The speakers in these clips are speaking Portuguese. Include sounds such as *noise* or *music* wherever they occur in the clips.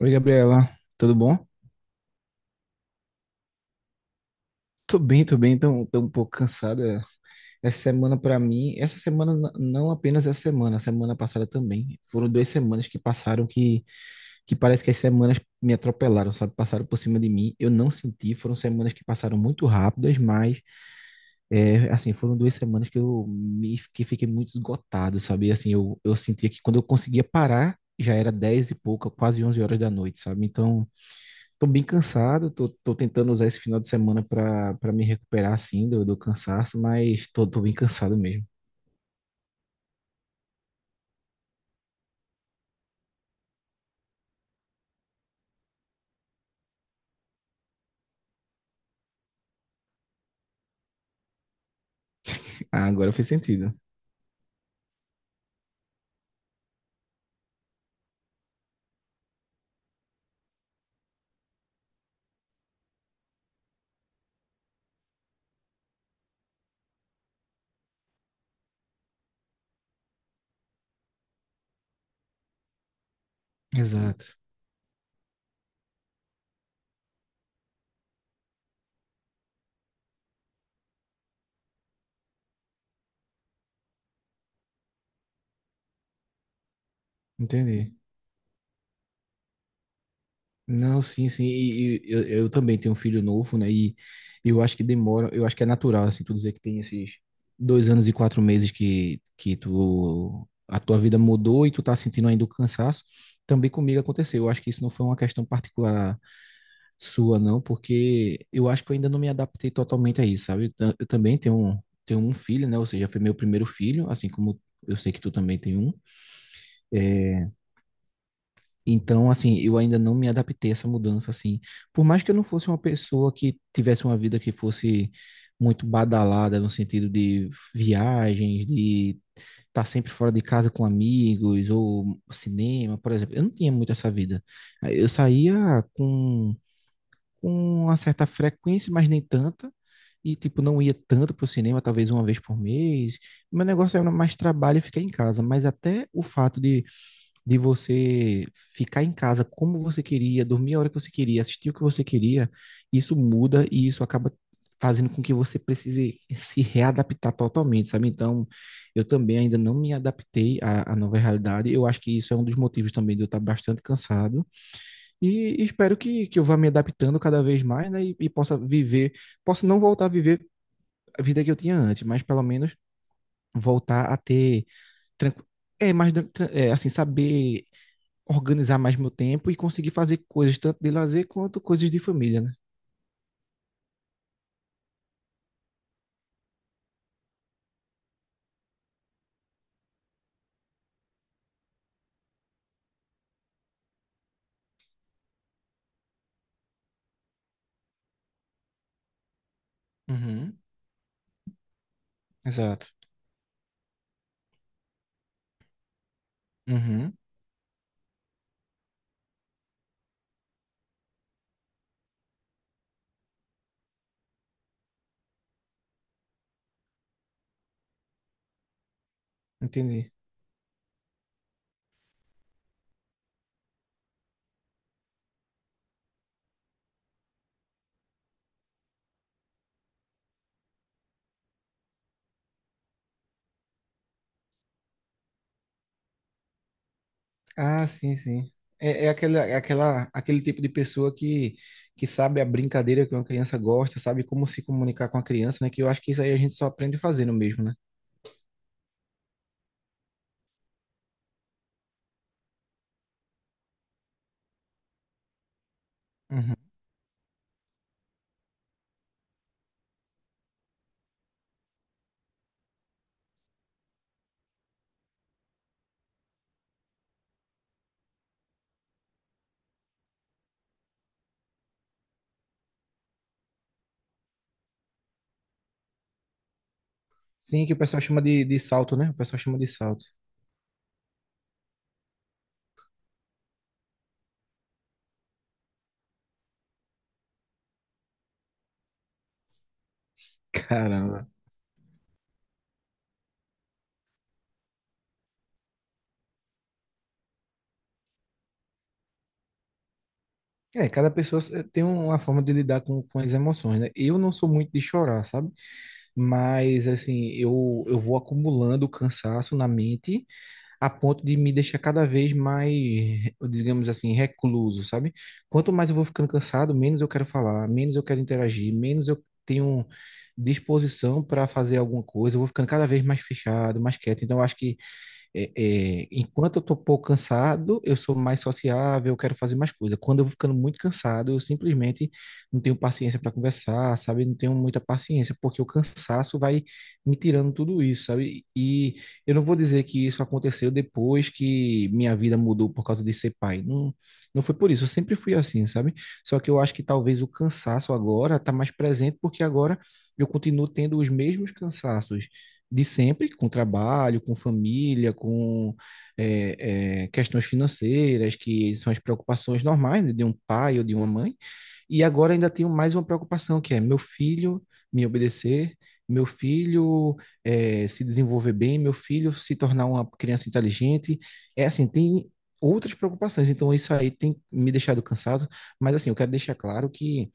Oi, Gabriela, tudo bom? Tô bem, tô um pouco cansada. Essa semana pra mim, essa semana não apenas essa semana, a semana passada também. Foram duas semanas que passaram que parece que as semanas me atropelaram, sabe? Passaram por cima de mim. Eu não senti, foram semanas que passaram muito rápidas, mas é, assim, foram duas semanas que eu me que fiquei muito esgotado, sabe? E, assim, eu sentia que quando eu conseguia parar, já era 10 e pouca, quase 11 horas da noite, sabe? Então, tô bem cansado, tô tentando usar esse final de semana pra me recuperar, assim, do cansaço, mas tô bem cansado mesmo. Ah, agora fez sentido. Exato, entendi. Não, sim, sim, e eu também tenho um filho novo, né, e eu acho que demora, eu acho que é natural, assim, tu dizer que tem esses 2 anos e 4 meses que tu, a tua vida mudou e tu tá sentindo ainda o cansaço, também comigo aconteceu, eu acho que isso não foi uma questão particular sua, não, porque eu acho que eu ainda não me adaptei totalmente a isso, sabe? Eu também tenho tenho um filho, né? Ou seja, foi meu primeiro filho, assim como eu sei que tu também tem um. É, então, assim, eu ainda não me adaptei a essa mudança, assim. Por mais que eu não fosse uma pessoa que tivesse uma vida que fosse muito badalada no sentido de viagens, de estar sempre fora de casa com amigos ou cinema, por exemplo. Eu não tinha muito essa vida. Eu saía com com uma certa frequência, mas nem tanta. E, tipo, não ia tanto pro cinema, talvez uma vez por mês. Meu negócio era mais trabalho e ficar em casa. Mas até o fato de você ficar em casa como você queria, dormir a hora que você queria, assistir o que você queria, isso muda e isso acaba fazendo com que você precise se readaptar totalmente, sabe? Então, eu também ainda não me adaptei à nova realidade. Eu acho que isso é um dos motivos também de eu estar bastante cansado e espero que eu vá me adaptando cada vez mais, né? E possa viver, possa não voltar a viver a vida que eu tinha antes, mas pelo menos voltar a ter, tranqu- é, mais, é, assim, saber organizar mais meu tempo e conseguir fazer coisas tanto de lazer quanto coisas de família, né? Uhum, exato. Uhum, entendi. Ah, sim, sim. É, aquele tipo de pessoa que sabe a brincadeira que uma criança gosta, sabe como se comunicar com a criança, né? Que eu acho que isso aí a gente só aprende fazendo mesmo, né? Uhum. Sim, que o pessoal chama de salto, né? O pessoal chama de salto. Caramba. É, cada pessoa se- tem uma forma de lidar com as emoções, né? Eu não sou muito de chorar, sabe? Mas, assim, eu vou acumulando cansaço na mente a ponto de me deixar cada vez mais, digamos assim, recluso, sabe? Quanto mais eu vou ficando cansado, menos eu quero falar, menos eu quero interagir, menos eu tenho disposição para fazer alguma coisa, eu vou ficando cada vez mais fechado, mais quieto. Então, eu acho que é, enquanto eu tô um pouco cansado, eu sou mais sociável, eu quero fazer mais coisa. Quando eu vou ficando muito cansado, eu simplesmente não tenho paciência para conversar, sabe? Não tenho muita paciência, porque o cansaço vai me tirando tudo isso, sabe? E eu não vou dizer que isso aconteceu depois que minha vida mudou por causa de ser pai. Não, não foi por isso, eu sempre fui assim, sabe? Só que eu acho que talvez o cansaço agora tá mais presente, porque agora eu continuo tendo os mesmos cansaços de sempre, com trabalho, com família, com questões financeiras, que são as preocupações normais, né, de um pai ou de uma mãe. E agora ainda tenho mais uma preocupação, que é meu filho me obedecer, meu filho se desenvolver bem, meu filho se tornar uma criança inteligente. É assim, tem outras preocupações, então isso aí tem me deixado cansado, mas assim, eu quero deixar claro que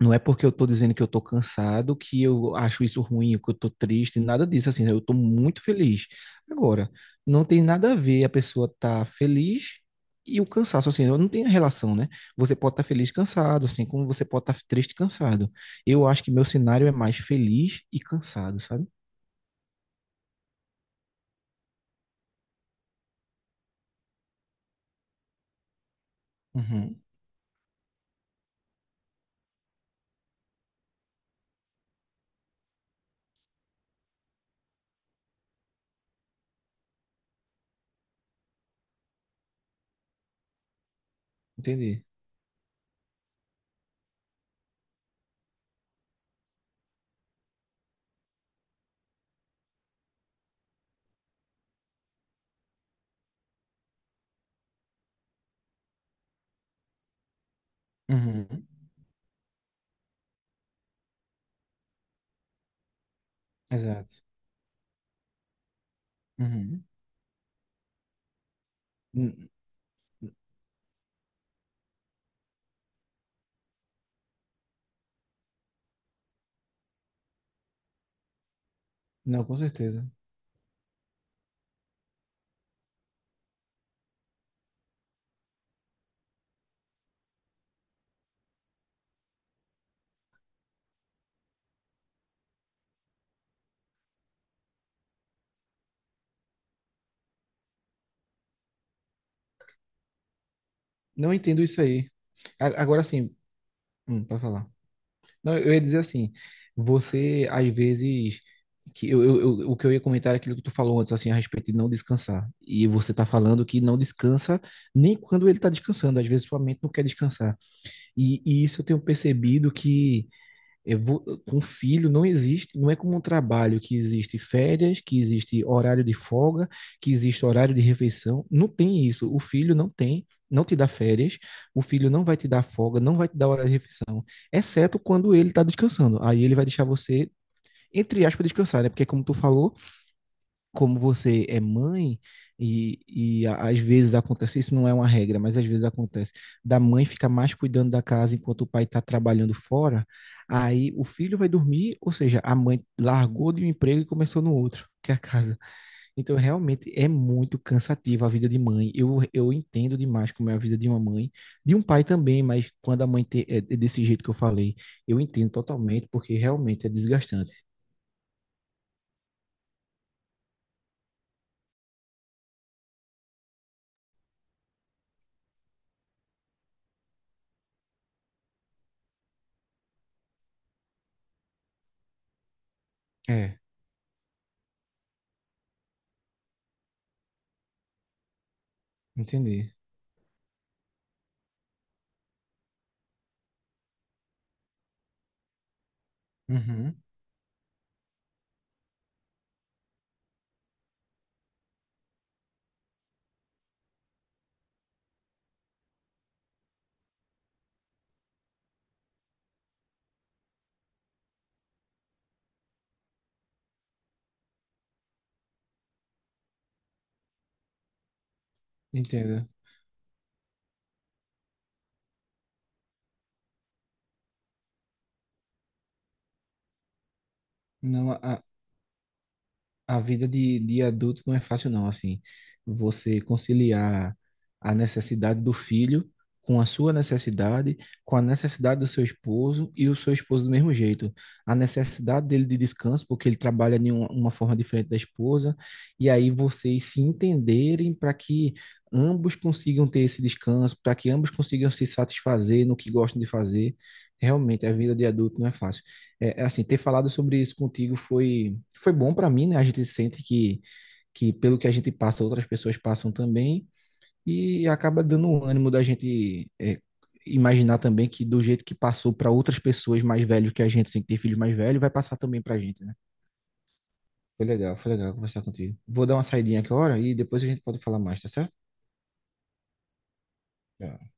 não é porque eu tô dizendo que eu tô cansado, que eu acho isso ruim, que eu tô triste, nada disso, assim, né, eu tô muito feliz. Agora, não tem nada a ver a pessoa tá feliz e o cansaço, assim, não tem relação, né? Você pode estar feliz cansado, assim, como você pode estar triste cansado. Eu acho que meu cenário é mais feliz e cansado, sabe? Uhum, entendi. Uhum, exato. Uhum. N- Não, com certeza. Não entendo isso aí. Agora sim, pode falar. Não, eu ia dizer assim, você às vezes que eu- o que eu ia comentar é aquilo que tu falou antes assim a respeito de não descansar. E você tá falando que não descansa nem quando ele tá descansando, às vezes sua mente não quer descansar. E isso eu tenho percebido eu vou- com filho não existe, não é como um trabalho que existe férias, que existe horário de folga, que existe horário de refeição. Não tem isso. O filho não tem, não te dá férias, o filho não vai te dar folga, não vai te dar hora de refeição, exceto quando ele está descansando. Aí ele vai deixar você, entre aspas, descansar, né? Porque como tu falou, como você é mãe, e, e às vezes acontece, isso não é uma regra, mas às vezes acontece, da mãe ficar mais cuidando da casa enquanto o pai está trabalhando fora, aí o filho vai dormir, ou seja, a mãe largou de um emprego e começou no outro, *laughs* que é a casa. Então, realmente é muito cansativa a vida de mãe. Eu entendo demais como é a vida de uma mãe, de um pai também, mas quando a é é desse jeito que eu falei, eu entendo totalmente, porque realmente é desgastante. É, entendi. Uhum, entendo. Não, a vida de adulto não é fácil, não. Assim, você conciliar a necessidade do filho com a sua necessidade, com a necessidade do seu esposo e o seu esposo do mesmo jeito. A necessidade dele de descanso, porque ele trabalha de uma forma diferente da esposa, e aí vocês se entenderem para que ambos consigam ter esse descanso, para que ambos consigam se satisfazer no que gostam de fazer. Realmente, a vida de adulto não é fácil. É, é assim, ter falado sobre isso contigo foi bom para mim, né? A gente sente que pelo que a gente passa, outras pessoas passam também, e acaba dando um ânimo da gente é, imaginar também que do jeito que passou para outras pessoas mais velhas que a gente, sem ter filhos mais velhos, vai passar também pra gente, né? Foi legal conversar contigo. Vou dar uma saidinha agora e depois a gente pode falar mais, tá certo? Tchau.